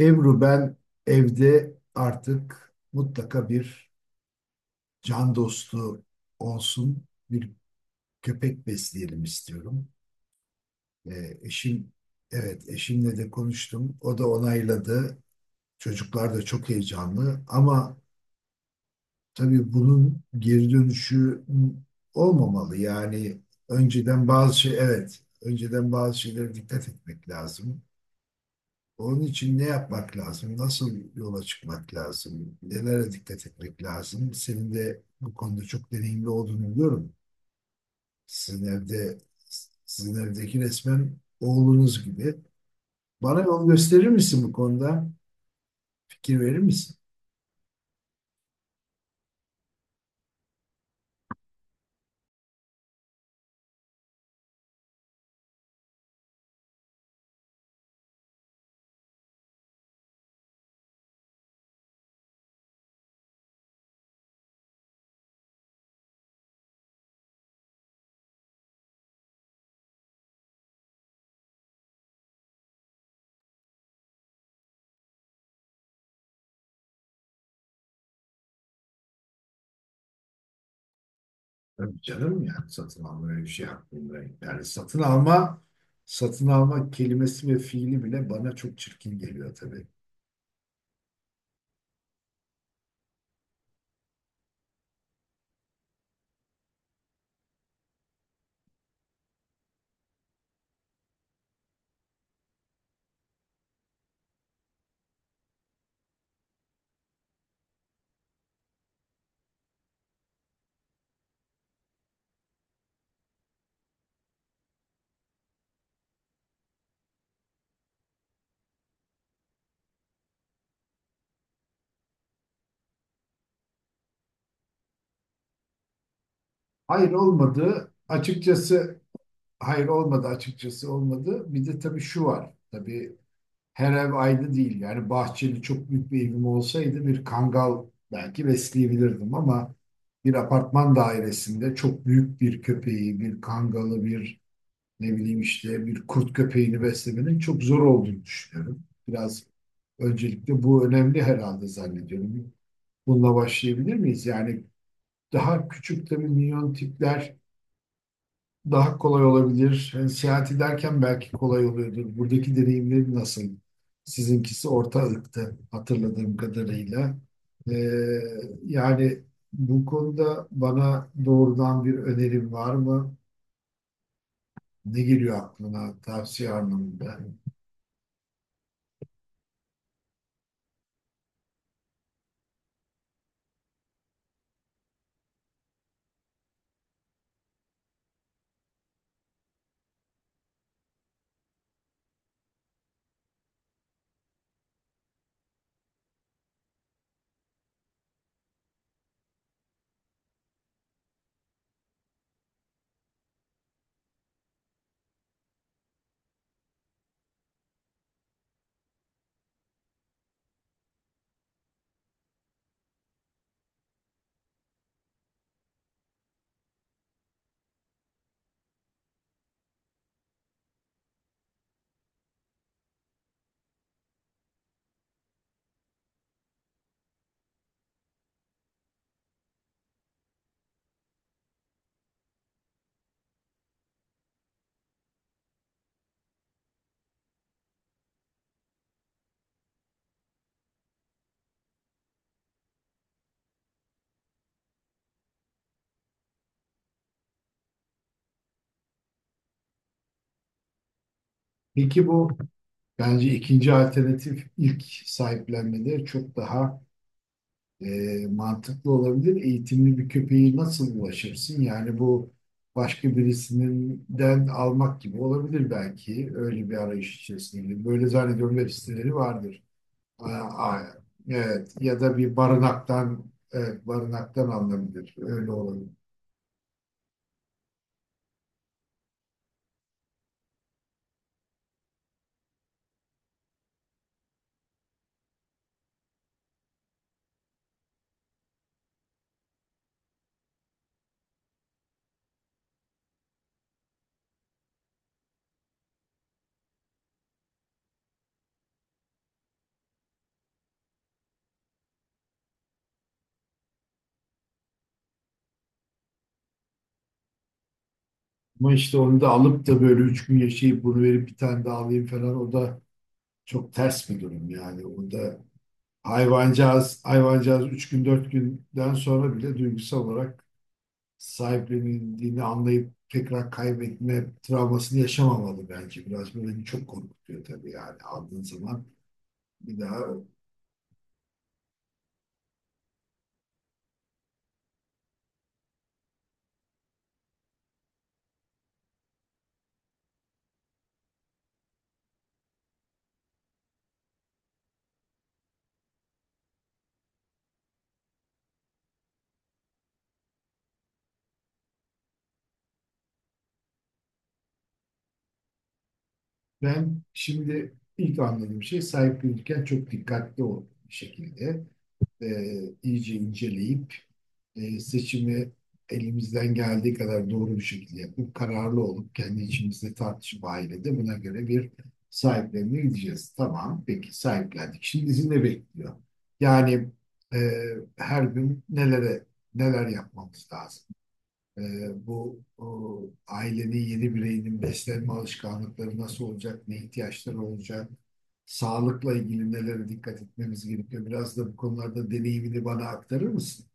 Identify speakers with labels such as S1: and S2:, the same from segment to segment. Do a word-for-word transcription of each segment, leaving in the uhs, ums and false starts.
S1: Ebru, ben evde artık mutlaka bir can dostu olsun, bir köpek besleyelim istiyorum. Ee, eşim, evet, eşimle de konuştum. O da onayladı. Çocuklar da çok heyecanlı ama tabii bunun geri dönüşü olmamalı. Yani önceden bazı şey evet önceden bazı şeylere dikkat etmek lazım. Onun için ne yapmak lazım? Nasıl yola çıkmak lazım? Nelere dikkat etmek lazım? Senin de bu konuda çok deneyimli olduğunu biliyorum. Sizin evde, sizin evdeki resmen oğlunuz gibi. Bana yol gösterir misin bu konuda? Fikir verir misin? Tabii canım, yani satın alma öyle bir şey aklımda. Yani satın alma, satın alma kelimesi ve fiili bile bana çok çirkin geliyor tabii. Hayır, olmadı. Açıkçası hayır olmadı, açıkçası olmadı. Bir de tabii şu var. Tabii her ev aynı değil. Yani bahçeli çok büyük bir evim olsaydı bir kangal belki besleyebilirdim ama bir apartman dairesinde çok büyük bir köpeği, bir kangalı, bir ne bileyim işte bir kurt köpeğini beslemenin çok zor olduğunu düşünüyorum. Biraz öncelikle bu önemli herhalde zannediyorum. Bununla başlayabilir miyiz? Yani daha küçük tabii minyon tipler daha kolay olabilir. E, Seyahati derken belki kolay oluyordur. Buradaki deneyimleri nasıl? Sizinkisi orta ırktı hatırladığım kadarıyla. E, Yani bu konuda bana doğrudan bir önerim var mı? Ne geliyor aklına tavsiye anlamında? Peki bu, bence ikinci alternatif ilk sahiplenmede çok daha E, mantıklı olabilir. Eğitimli bir köpeği nasıl ulaşırsın? Yani bu başka birisinden almak gibi olabilir belki. Öyle bir arayış içerisinde. Böyle zannediyorum web siteleri vardır. Aa, aa, evet. Ya da bir barınaktan, evet, barınaktan alınabilir. Öyle olabilir. Ama işte onu da alıp da böyle üç gün yaşayıp bunu verip bir tane daha alayım falan, o da çok ters bir durum yani. O da hayvancağız, hayvancağız üç gün dört günden sonra bile duygusal olarak sahiplenildiğini anlayıp tekrar kaybetme travmasını yaşamamalı bence. Biraz bu beni çok korkutuyor tabii, yani aldığın zaman bir daha. Ben şimdi ilk anladığım şey: sahiplenirken çok dikkatli ol bir şekilde. e, iyice inceleyip e, seçimi elimizden geldiği kadar doğru bir şekilde yapıp kararlı olup kendi içimizde tartışıp ailede buna göre bir sahiplenme gideceğiz. Tamam, peki sahiplendik. Şimdi bizi ne bekliyor? Yani e, her gün nelere neler yapmamız lazım? Ee, bu o, Ailenin yeni bireyinin beslenme alışkanlıkları nasıl olacak, ne ihtiyaçları olacak, sağlıkla ilgili nelere dikkat etmemiz gerekiyor. Biraz da bu konularda deneyimini bana aktarır mısın?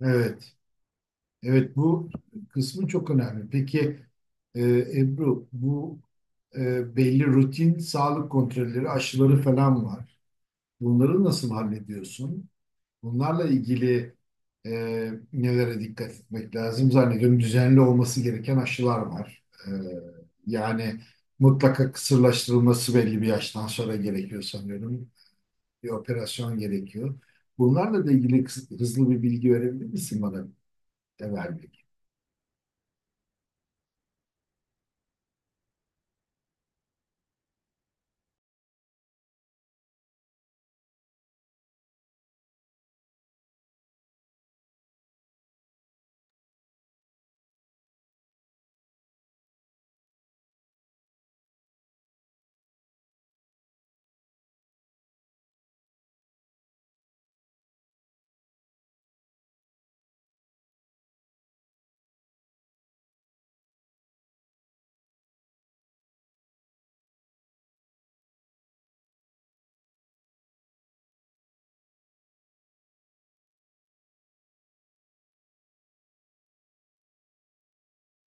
S1: Evet, evet, bu kısmı çok önemli. Peki e, Ebru, bu e, belli rutin sağlık kontrolleri, aşıları falan var. Bunları nasıl hallediyorsun? Bunlarla ilgili e, nelere dikkat etmek lazım zannediyorum. Düzenli olması gereken aşılar var. E, yani mutlaka kısırlaştırılması belli bir yaştan sonra gerekiyor sanıyorum. Bir operasyon gerekiyor. Bunlarla da ilgili kıs- hızlı bir bilgi verebilir misin bana Emel Bey?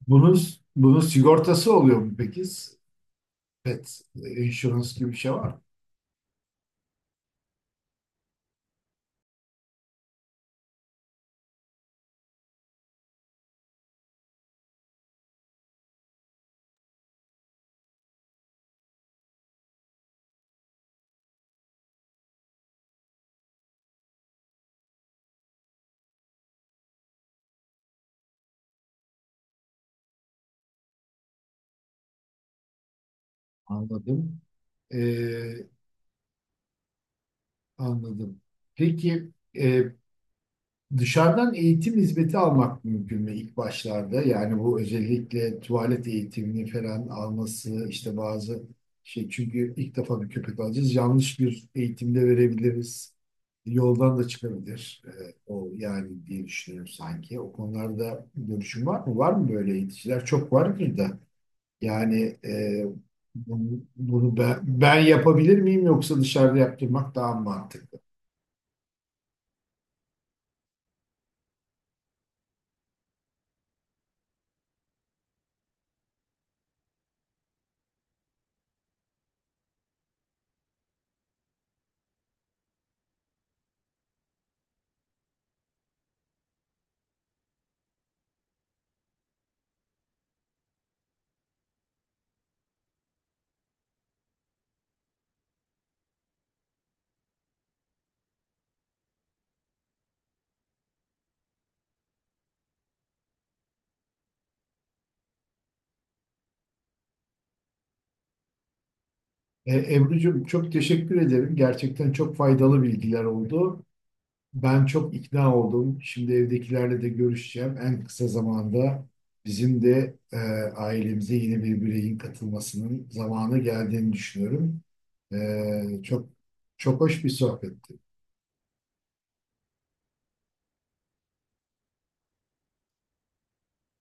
S1: Bunun, bunun sigortası oluyor mu peki? Pet insurance gibi bir şey var mı? Anladım. E, Anladım. Peki e, dışarıdan eğitim hizmeti almak mümkün mü ilk başlarda? Yani bu özellikle tuvalet eğitimini falan alması işte bazı şey çünkü ilk defa bir köpek alacağız. Yanlış bir eğitimde verebiliriz. Yoldan da çıkabilir. Ee, o yani, diye düşünüyorum sanki. O konularda görüşün var mı? Var mı böyle eğiticiler? Çok vardır da. Yani e, bunu, bunu ben, ben yapabilir miyim, yoksa dışarıda yaptırmak daha mı mantıklı? E, Ebru'cum, çok teşekkür ederim. Gerçekten çok faydalı bilgiler oldu. Ben çok ikna oldum. Şimdi evdekilerle de görüşeceğim. En kısa zamanda bizim de e, ailemize yeni bir bireyin katılmasının zamanı geldiğini düşünüyorum. E, çok çok hoş bir sohbet.